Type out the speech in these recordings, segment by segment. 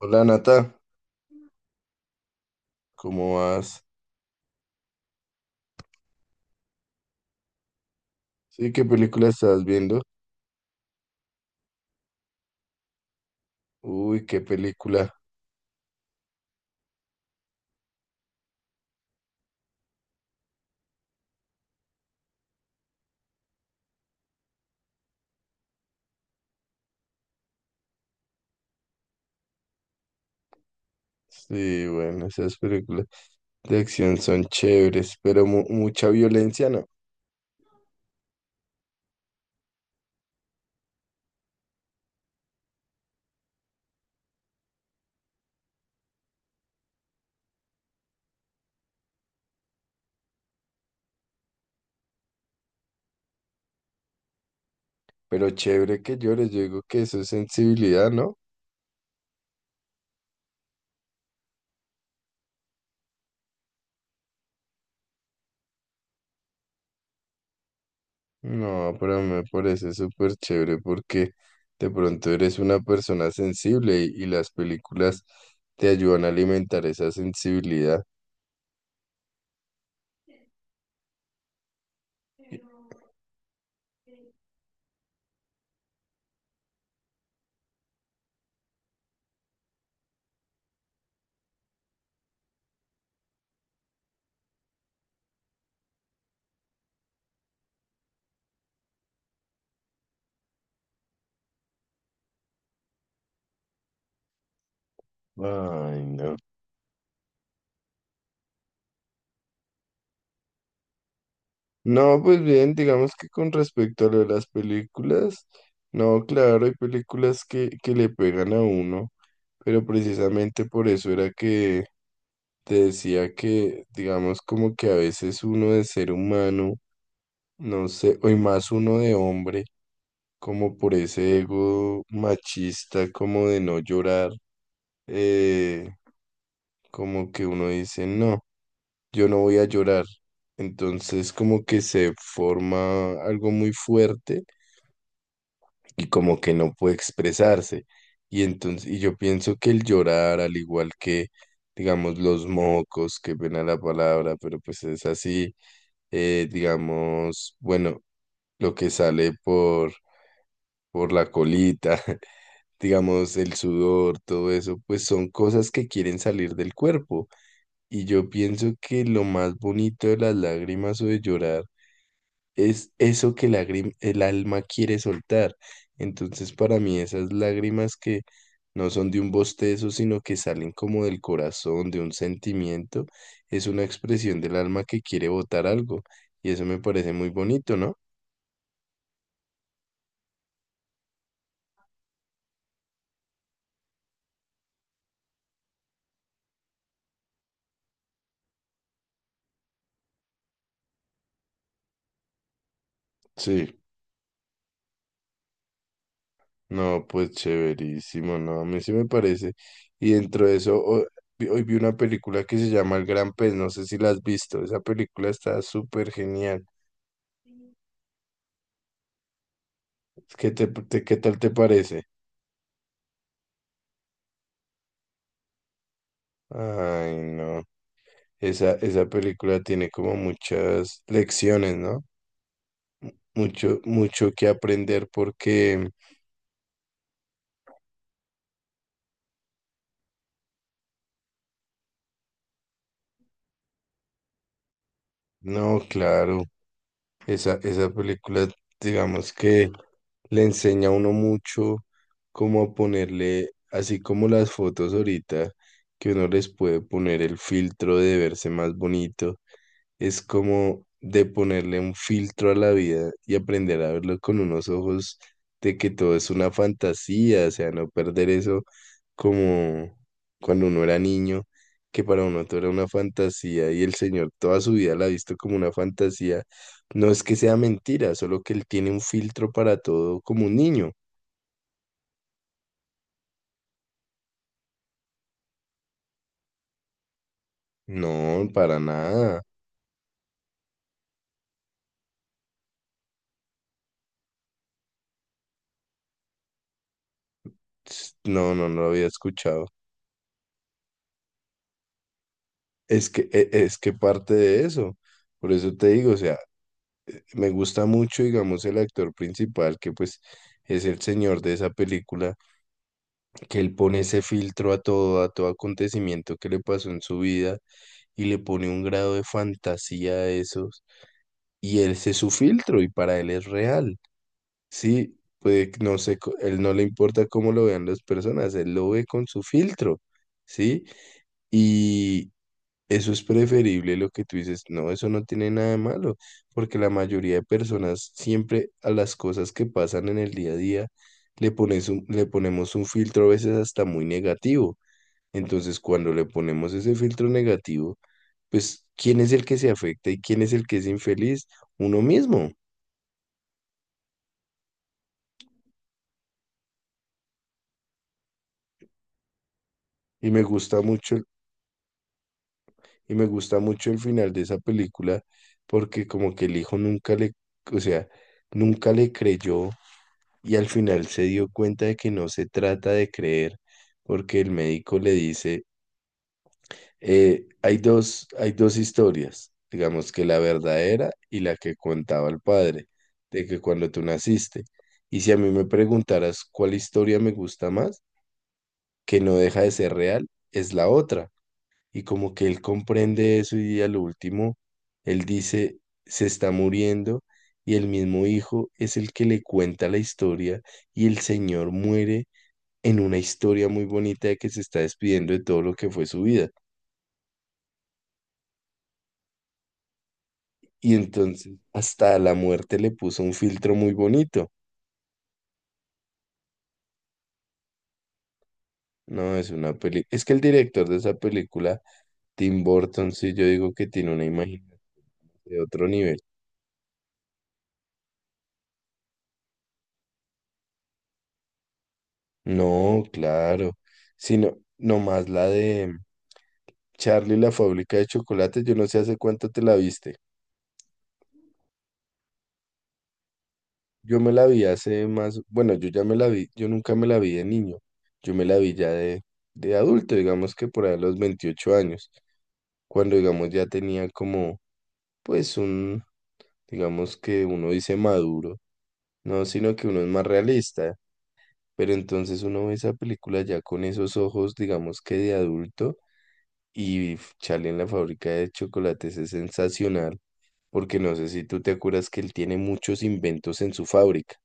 Hola Nata, ¿cómo vas? Sí, ¿qué película estás viendo? Uy, qué película. Sí, bueno, esas películas de acción son chéveres, pero mucha violencia no. Pero chévere que llores, yo digo que eso es sensibilidad, ¿no? No, pero me parece súper chévere porque de pronto eres una persona sensible y las películas te ayudan a alimentar esa sensibilidad. Ay, no. No, pues bien, digamos que con respecto a lo de las películas, no, claro, hay películas que le pegan a uno, pero precisamente por eso era que te decía que, digamos, como que a veces uno de ser humano, no sé, o y más uno de hombre, como por ese ego machista, como de no llorar, eh, como que uno dice, no, yo no voy a llorar. Entonces como que se forma algo muy fuerte y como que no puede expresarse. Y entonces, yo pienso que el llorar, al igual que, digamos, los mocos, que pena la palabra, pero pues es así, digamos, bueno, lo que sale por la colita, digamos, el sudor, todo eso, pues son cosas que quieren salir del cuerpo. Y yo pienso que lo más bonito de las lágrimas o de llorar es eso que el alma quiere soltar. Entonces, para mí, esas lágrimas que no son de un bostezo, sino que salen como del corazón, de un sentimiento, es una expresión del alma que quiere botar algo. Y eso me parece muy bonito, ¿no? Sí, no, pues chéverísimo, no, a mí sí me parece. Y dentro de eso, hoy, vi una película que se llama El Gran Pez, no sé si la has visto, esa película está súper genial. ¿Qué qué tal te parece? Ay, no. Esa película tiene como muchas lecciones, ¿no? Mucho, mucho que aprender porque, no, claro, esa película, digamos que le enseña a uno mucho cómo a ponerle, así como las fotos ahorita, que uno les puede poner el filtro de verse más bonito es como de ponerle un filtro a la vida y aprender a verlo con unos ojos de que todo es una fantasía, o sea, no perder eso como cuando uno era niño, que para uno todo era una fantasía y el Señor toda su vida la ha visto como una fantasía. No es que sea mentira, solo que Él tiene un filtro para todo como un niño. No, para nada. No, no lo había escuchado. Es que, es que parte de eso. Por eso te digo, o sea, me gusta mucho, digamos, el actor principal, que pues es el señor de esa película, que él pone ese filtro a todo acontecimiento que le pasó en su vida y le pone un grado de fantasía a esos. Y ese es su filtro y para él es real. Sí, pues no sé, él no le importa cómo lo vean las personas, él lo ve con su filtro, ¿sí? Eso es preferible lo que tú dices. No, eso no tiene nada de malo, porque la mayoría de personas siempre a las cosas que pasan en el día a día le ponemos un filtro a veces hasta muy negativo. Entonces, cuando le ponemos ese filtro negativo, pues, ¿quién es el que se afecta y quién es el que es infeliz? Uno mismo. Y me gusta mucho, y me gusta mucho el final de esa película, porque como que el hijo nunca le, o sea, nunca le creyó y al final se dio cuenta de que no se trata de creer, porque el médico le dice, hay hay dos historias, digamos que la verdadera y la que contaba el padre, de que cuando tú naciste. Y si a mí me preguntaras cuál historia me gusta más, que no deja de ser real, es la otra. Y como que él comprende eso y a lo último, él dice, se está muriendo y el mismo hijo es el que le cuenta la historia y el señor muere en una historia muy bonita de que se está despidiendo de todo lo que fue su vida. Y entonces hasta la muerte le puso un filtro muy bonito. No, es una peli. Es que el director de esa película, Tim Burton, sí, yo digo que tiene una imaginación de otro nivel. No, claro. Sino, nomás la de Charlie y la fábrica de chocolate, yo no sé hace cuánto te la viste. Yo me la vi hace más, bueno, yo ya me la vi, yo nunca me la vi de niño. Yo me la vi ya de adulto, digamos que por ahí a los 28 años, cuando digamos ya tenía como, pues un, digamos que uno dice maduro, no, sino que uno es más realista, pero entonces uno ve esa película ya con esos ojos, digamos que de adulto, y Charlie en la fábrica de chocolates es sensacional, porque no sé si tú te acuerdas que él tiene muchos inventos en su fábrica,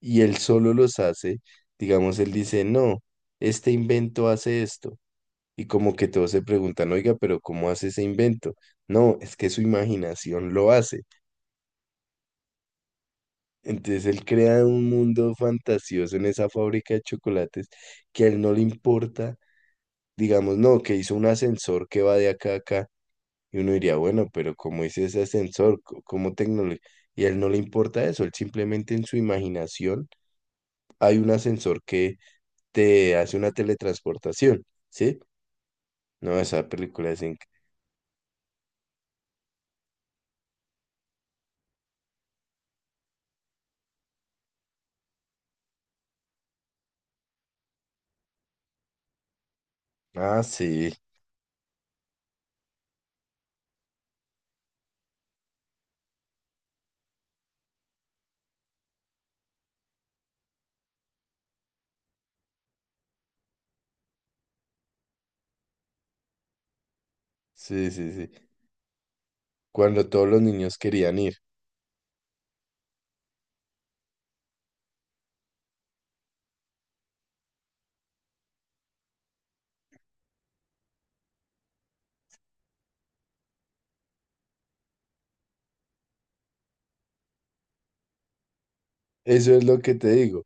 y él solo los hace, digamos, él dice, no, este invento hace esto. Y como que todos se preguntan, oiga, pero ¿cómo hace ese invento? No, es que su imaginación lo hace. Entonces él crea un mundo fantasioso en esa fábrica de chocolates que a él no le importa, digamos, no, que hizo un ascensor que va de acá a acá. Y uno diría, bueno, pero ¿cómo hizo ese ascensor? ¿Cómo tecnología? Y a él no le importa eso, él simplemente en su imaginación hay un ascensor que te hace una teletransportación, ¿sí? No, esa película es... Ah, sí, sí, sí, sí, cuando todos los niños querían ir. Eso es lo que te digo.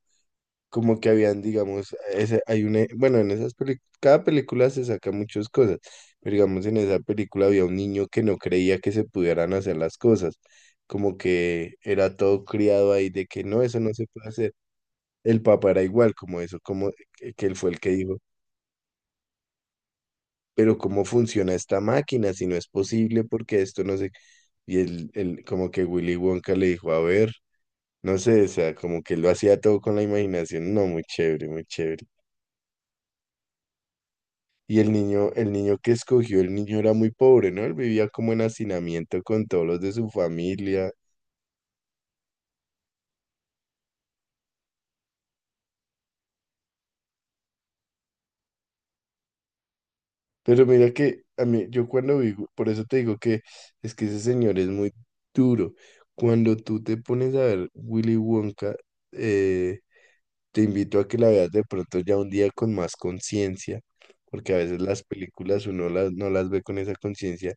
Como que habían, digamos, ese, hay una, bueno, en esas películas, cada película se saca muchas cosas, pero digamos, en esa película había un niño que no creía que se pudieran hacer las cosas, como que era todo criado ahí de que no, eso no se puede hacer. El papá era igual, como eso, como que él fue el que dijo, pero ¿cómo funciona esta máquina? Si no es posible, porque esto no se... como que Willy Wonka le dijo, a ver. No sé, o sea, como que lo hacía todo con la imaginación. No, muy chévere, muy chévere. Y el niño, que escogió, el niño era muy pobre, ¿no? Él vivía como en hacinamiento con todos los de su familia. Pero mira que a mí, yo cuando vivo, por eso te digo que es que ese señor es muy duro. Cuando tú te pones a ver Willy Wonka, eh, te invito a que la veas de pronto ya un día con más conciencia, porque a veces las películas uno no las ve con esa conciencia.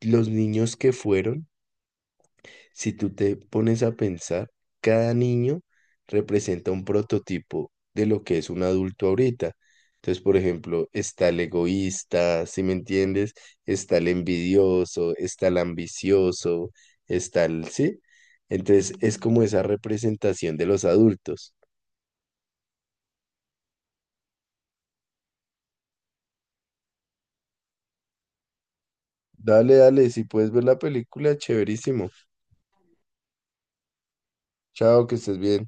Los niños que fueron. Si tú te pones a pensar, cada niño representa un prototipo de lo que es un adulto ahorita. Entonces, por ejemplo, está el egoísta, ¿si me entiendes? Está el envidioso, está el ambicioso, está el, ¿sí? Entonces, es como esa representación de los adultos. Dale, dale, si puedes ver la película, chéverísimo. Chao, que estés bien.